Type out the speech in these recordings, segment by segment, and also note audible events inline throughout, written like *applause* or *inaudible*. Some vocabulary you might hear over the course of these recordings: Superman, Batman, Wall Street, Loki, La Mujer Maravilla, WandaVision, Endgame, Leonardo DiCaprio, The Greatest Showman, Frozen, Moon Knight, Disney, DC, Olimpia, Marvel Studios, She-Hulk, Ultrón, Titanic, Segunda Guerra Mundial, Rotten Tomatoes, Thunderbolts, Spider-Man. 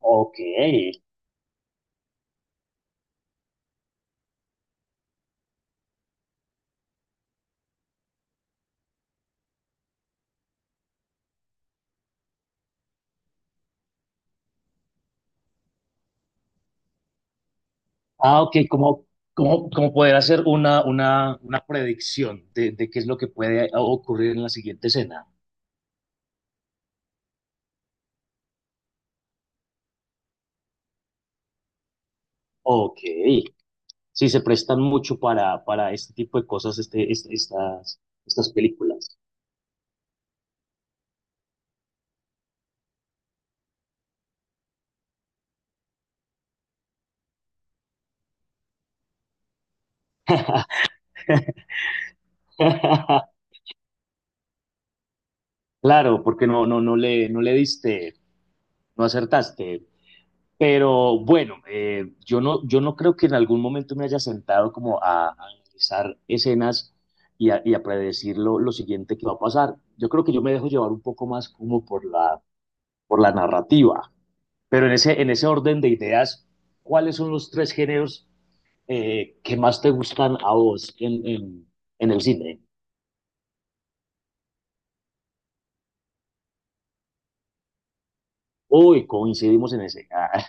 Ok. Ah, ok. ¿Cómo poder hacer una predicción de qué es lo que puede ocurrir en la siguiente escena? Ok. Sí, se prestan mucho para este tipo de cosas, estas películas. *laughs* Claro, porque no, no, no le diste, no acertaste. Pero bueno, yo no creo que en algún momento me haya sentado como a analizar escenas y a predecir lo siguiente que va a pasar. Yo creo que yo me dejo llevar un poco más como por la narrativa. Pero en ese orden de ideas, ¿cuáles son los tres géneros que más te gustan a vos en el cine? Hoy coincidimos en ese. Ah,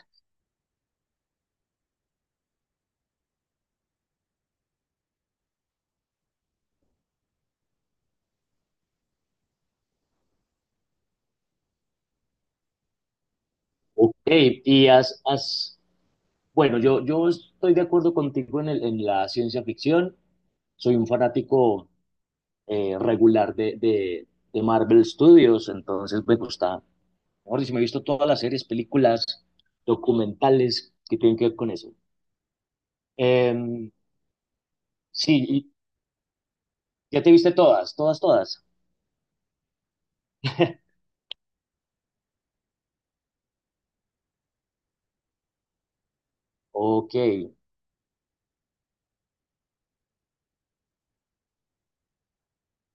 ok, y has, has bueno, yo estoy de acuerdo contigo en la ciencia ficción. Soy un fanático regular de Marvel Studios, entonces me gusta. Mejor dicho, me he visto todas las series, películas, documentales que tienen que ver con eso. Em, sí, y ya te viste todas, todas, todas. *laughs* Ok.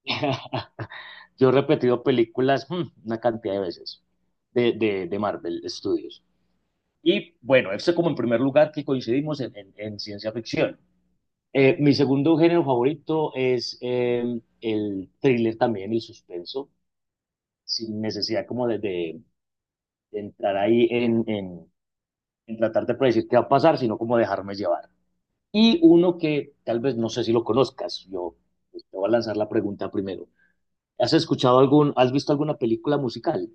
*laughs* Yo he repetido películas una cantidad de veces de Marvel Studios. Y bueno, eso como en primer lugar que coincidimos en ciencia ficción. Mi segundo género favorito es el thriller también, el suspenso, sin necesidad como de entrar ahí en tratar de predecir qué va a pasar, sino como dejarme llevar. Y uno que tal vez no sé si lo conozcas, yo pues, te voy a lanzar la pregunta primero. ¿Has visto alguna película musical?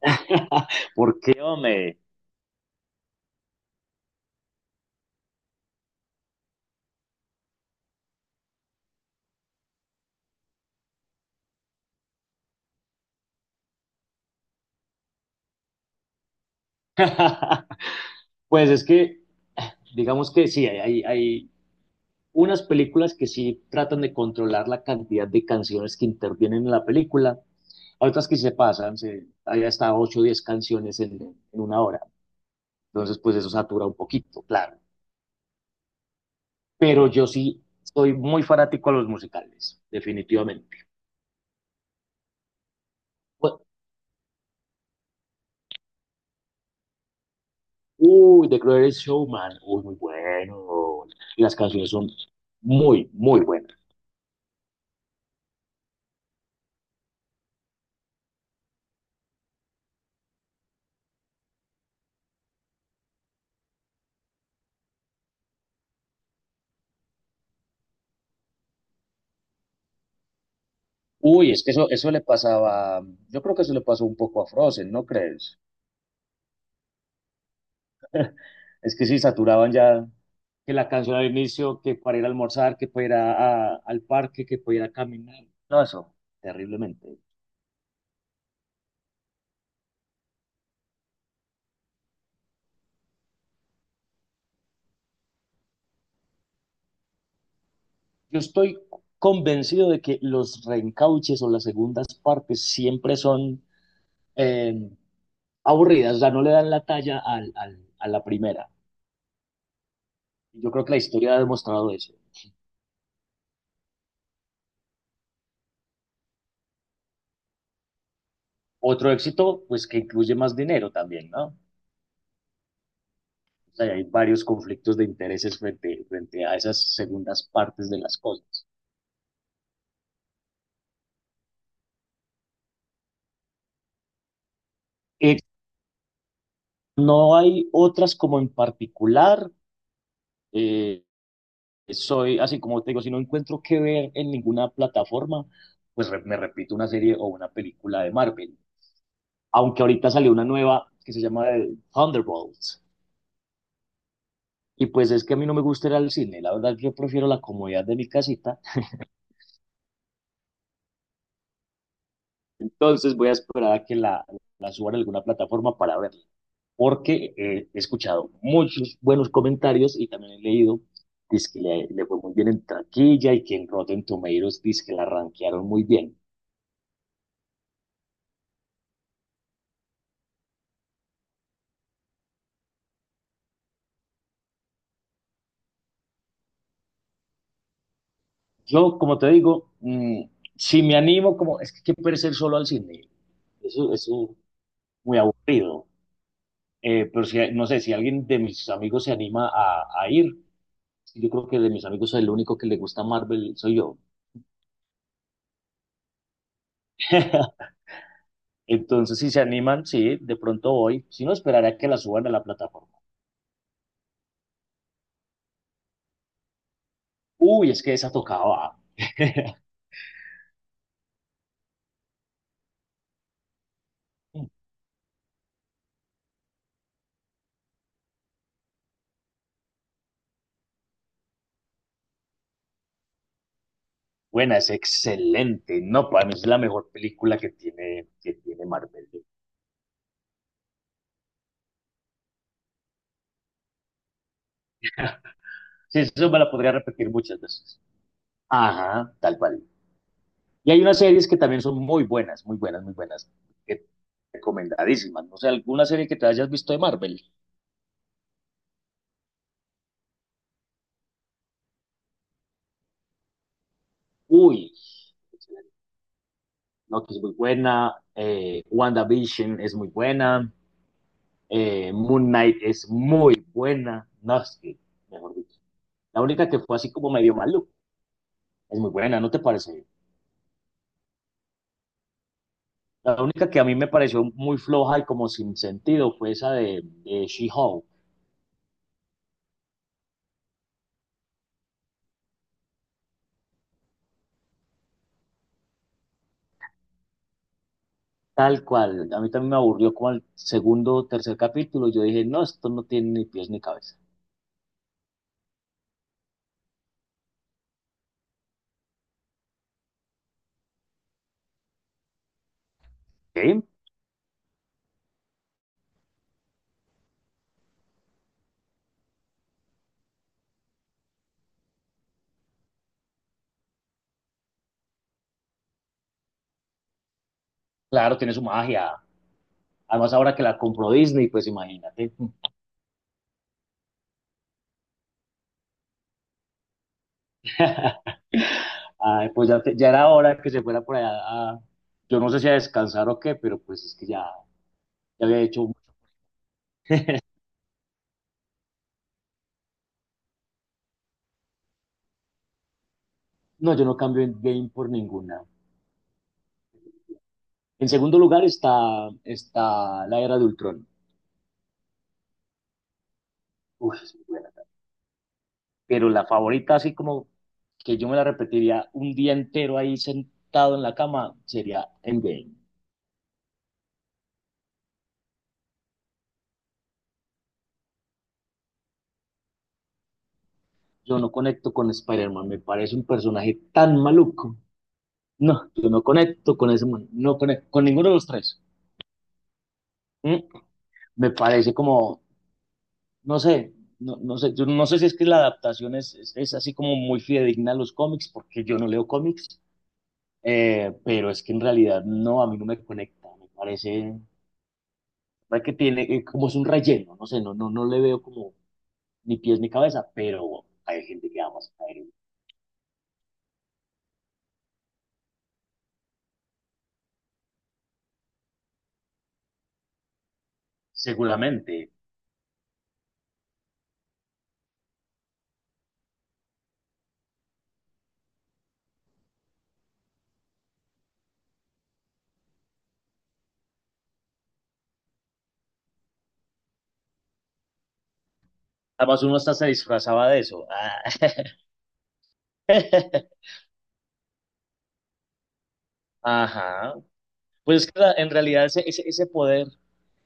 *laughs* ¿Por qué, hombre? *laughs* Pues es que, digamos que sí, hay unas películas que sí tratan de controlar la cantidad de canciones que intervienen en la película, hay otras que se pasan, hay hasta 8 o 10 canciones en una hora. Entonces, pues eso satura un poquito, claro. Pero yo sí soy muy fanático a los musicales, definitivamente. Pues, Uy, The Greatest Showman, uy, muy bueno. Las canciones son muy, muy buenas. Uy, es que eso le pasaba, yo creo que eso le pasó un poco a Frozen, ¿no crees? Es que sí, saturaban ya que la canción al inicio, que para ir a almorzar, que para ir al parque, que para ir a caminar. No, eso, terriblemente. Yo estoy convencido de que los reencauches o las segundas partes siempre son eh, aburridas, o sea, no le dan la talla a la primera. Yo creo que la historia ha demostrado eso. Otro éxito, pues que incluye más dinero también, ¿no? O sea, hay varios conflictos de intereses frente a esas segundas partes de las cosas. Eh, No hay otras como en particular. eh, Soy, así como te digo, si no encuentro qué ver en ninguna plataforma, pues me repito una serie o una película de Marvel. Aunque ahorita salió una nueva que se llama Thunderbolts. Y pues es que a mí no me gusta ir al cine. La verdad, yo prefiero la comodidad de mi casita. Entonces voy a esperar a que la suban a alguna plataforma para verla, porque he escuchado muchos buenos comentarios y también he leído, dice que le fue muy bien en taquilla y que en Rotten Tomatoes dice que la rankearon muy bien. Yo, como te digo, si me animo, como es que hay que perder solo al cine, eso es muy aburrido. Pero si, no sé, si alguien de mis amigos se anima a ir, yo creo que de mis amigos soy el único que le gusta Marvel, soy yo. *laughs* Entonces, si se animan, sí, de pronto voy. Si no, esperaré a que la suban a la plataforma. Uy, es que esa tocaba. *laughs* Buena, es excelente. No, para mí es la mejor película que tiene Marvel. Sí, eso me la podría repetir muchas veces. Ajá, tal cual. Y hay unas series que también son muy buenas, muy buenas, muy buenas, que- recomendadísimas. No sé, alguna serie que te hayas visto de Marvel. Uy, Loki es muy buena. WandaVision es muy buena. Moon Knight es muy buena. No, es que, mejor dicho. La única que fue así como medio maluca es muy buena, ¿no te parece? La única que a mí me pareció muy floja y como sin sentido fue esa de She-Hulk. Tal cual. A mí también me aburrió como el segundo o tercer capítulo. Yo dije, no, esto no tiene ni pies ni cabeza. ¿Sí? Claro, tiene su magia. Además, ahora que la compró Disney, pues imagínate. *laughs* Ay, pues ya, ya era hora que se fuera por allá, a- yo no sé si a descansar o qué, pero pues es que ya había hecho mucho. No, yo no cambio en game por ninguna. En segundo lugar está la era de Ultrón. Uf, es muy buena. Pero la favorita, así como que yo me la repetiría un día entero ahí sentado en la cama, sería Endgame. Yo no conecto con Spider-Man, me parece un personaje tan maluco. No, yo no conecto con ese man, no conecto con ninguno de los tres. Mm, Me parece como, no sé, no, no sé, yo no sé si es que la adaptación es así como muy fidedigna a los cómics, porque yo no leo cómics. Pero es que en realidad no, a mí no me conecta, parece que tiene, como es un relleno, no sé, no le veo como ni pies ni cabeza, pero hay gente que ama a caer, seguramente. Además uno hasta se disfrazaba de eso. Ah. *laughs* Ajá. Pues es que en realidad ese poder,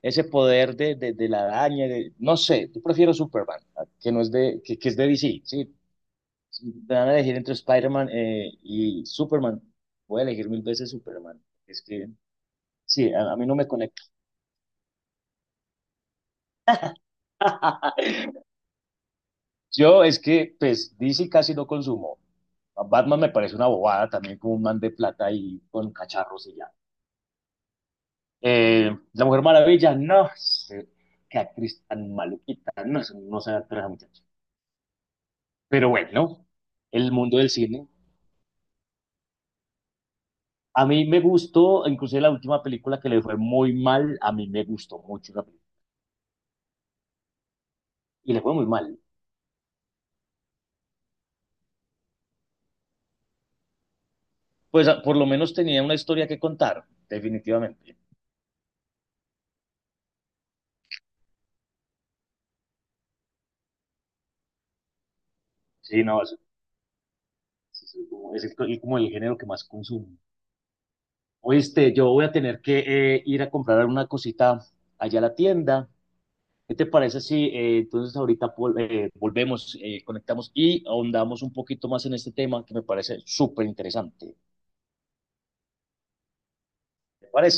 ese poder de la araña, no sé, yo prefiero Superman, que no es que es de DC, sí. Si me van a elegir entre Spider-Man y Superman, voy a elegir mil veces Superman. Es que sí, a mí no me conecta. *laughs* Yo es que, pues, DC casi no consumo. A Batman me parece una bobada también, como un man de plata y con cacharros y ya. La Mujer Maravilla, no sé, qué actriz tan maluquita, no, sé, no sé actuar esa muchacha. Pero bueno, el mundo del cine. A mí me gustó, inclusive la última película que le fue muy mal, a mí me gustó mucho la película. Y le fue muy mal. Pues por lo menos tenía una historia que contar, definitivamente. Sí, no, como, como el género que más consumo. Oíste, yo voy a tener que ir a comprar una cosita allá a la tienda. ¿Qué te parece si entonces ahorita volvemos, conectamos y ahondamos un poquito más en este tema que me parece súper interesante? ¿Te parece?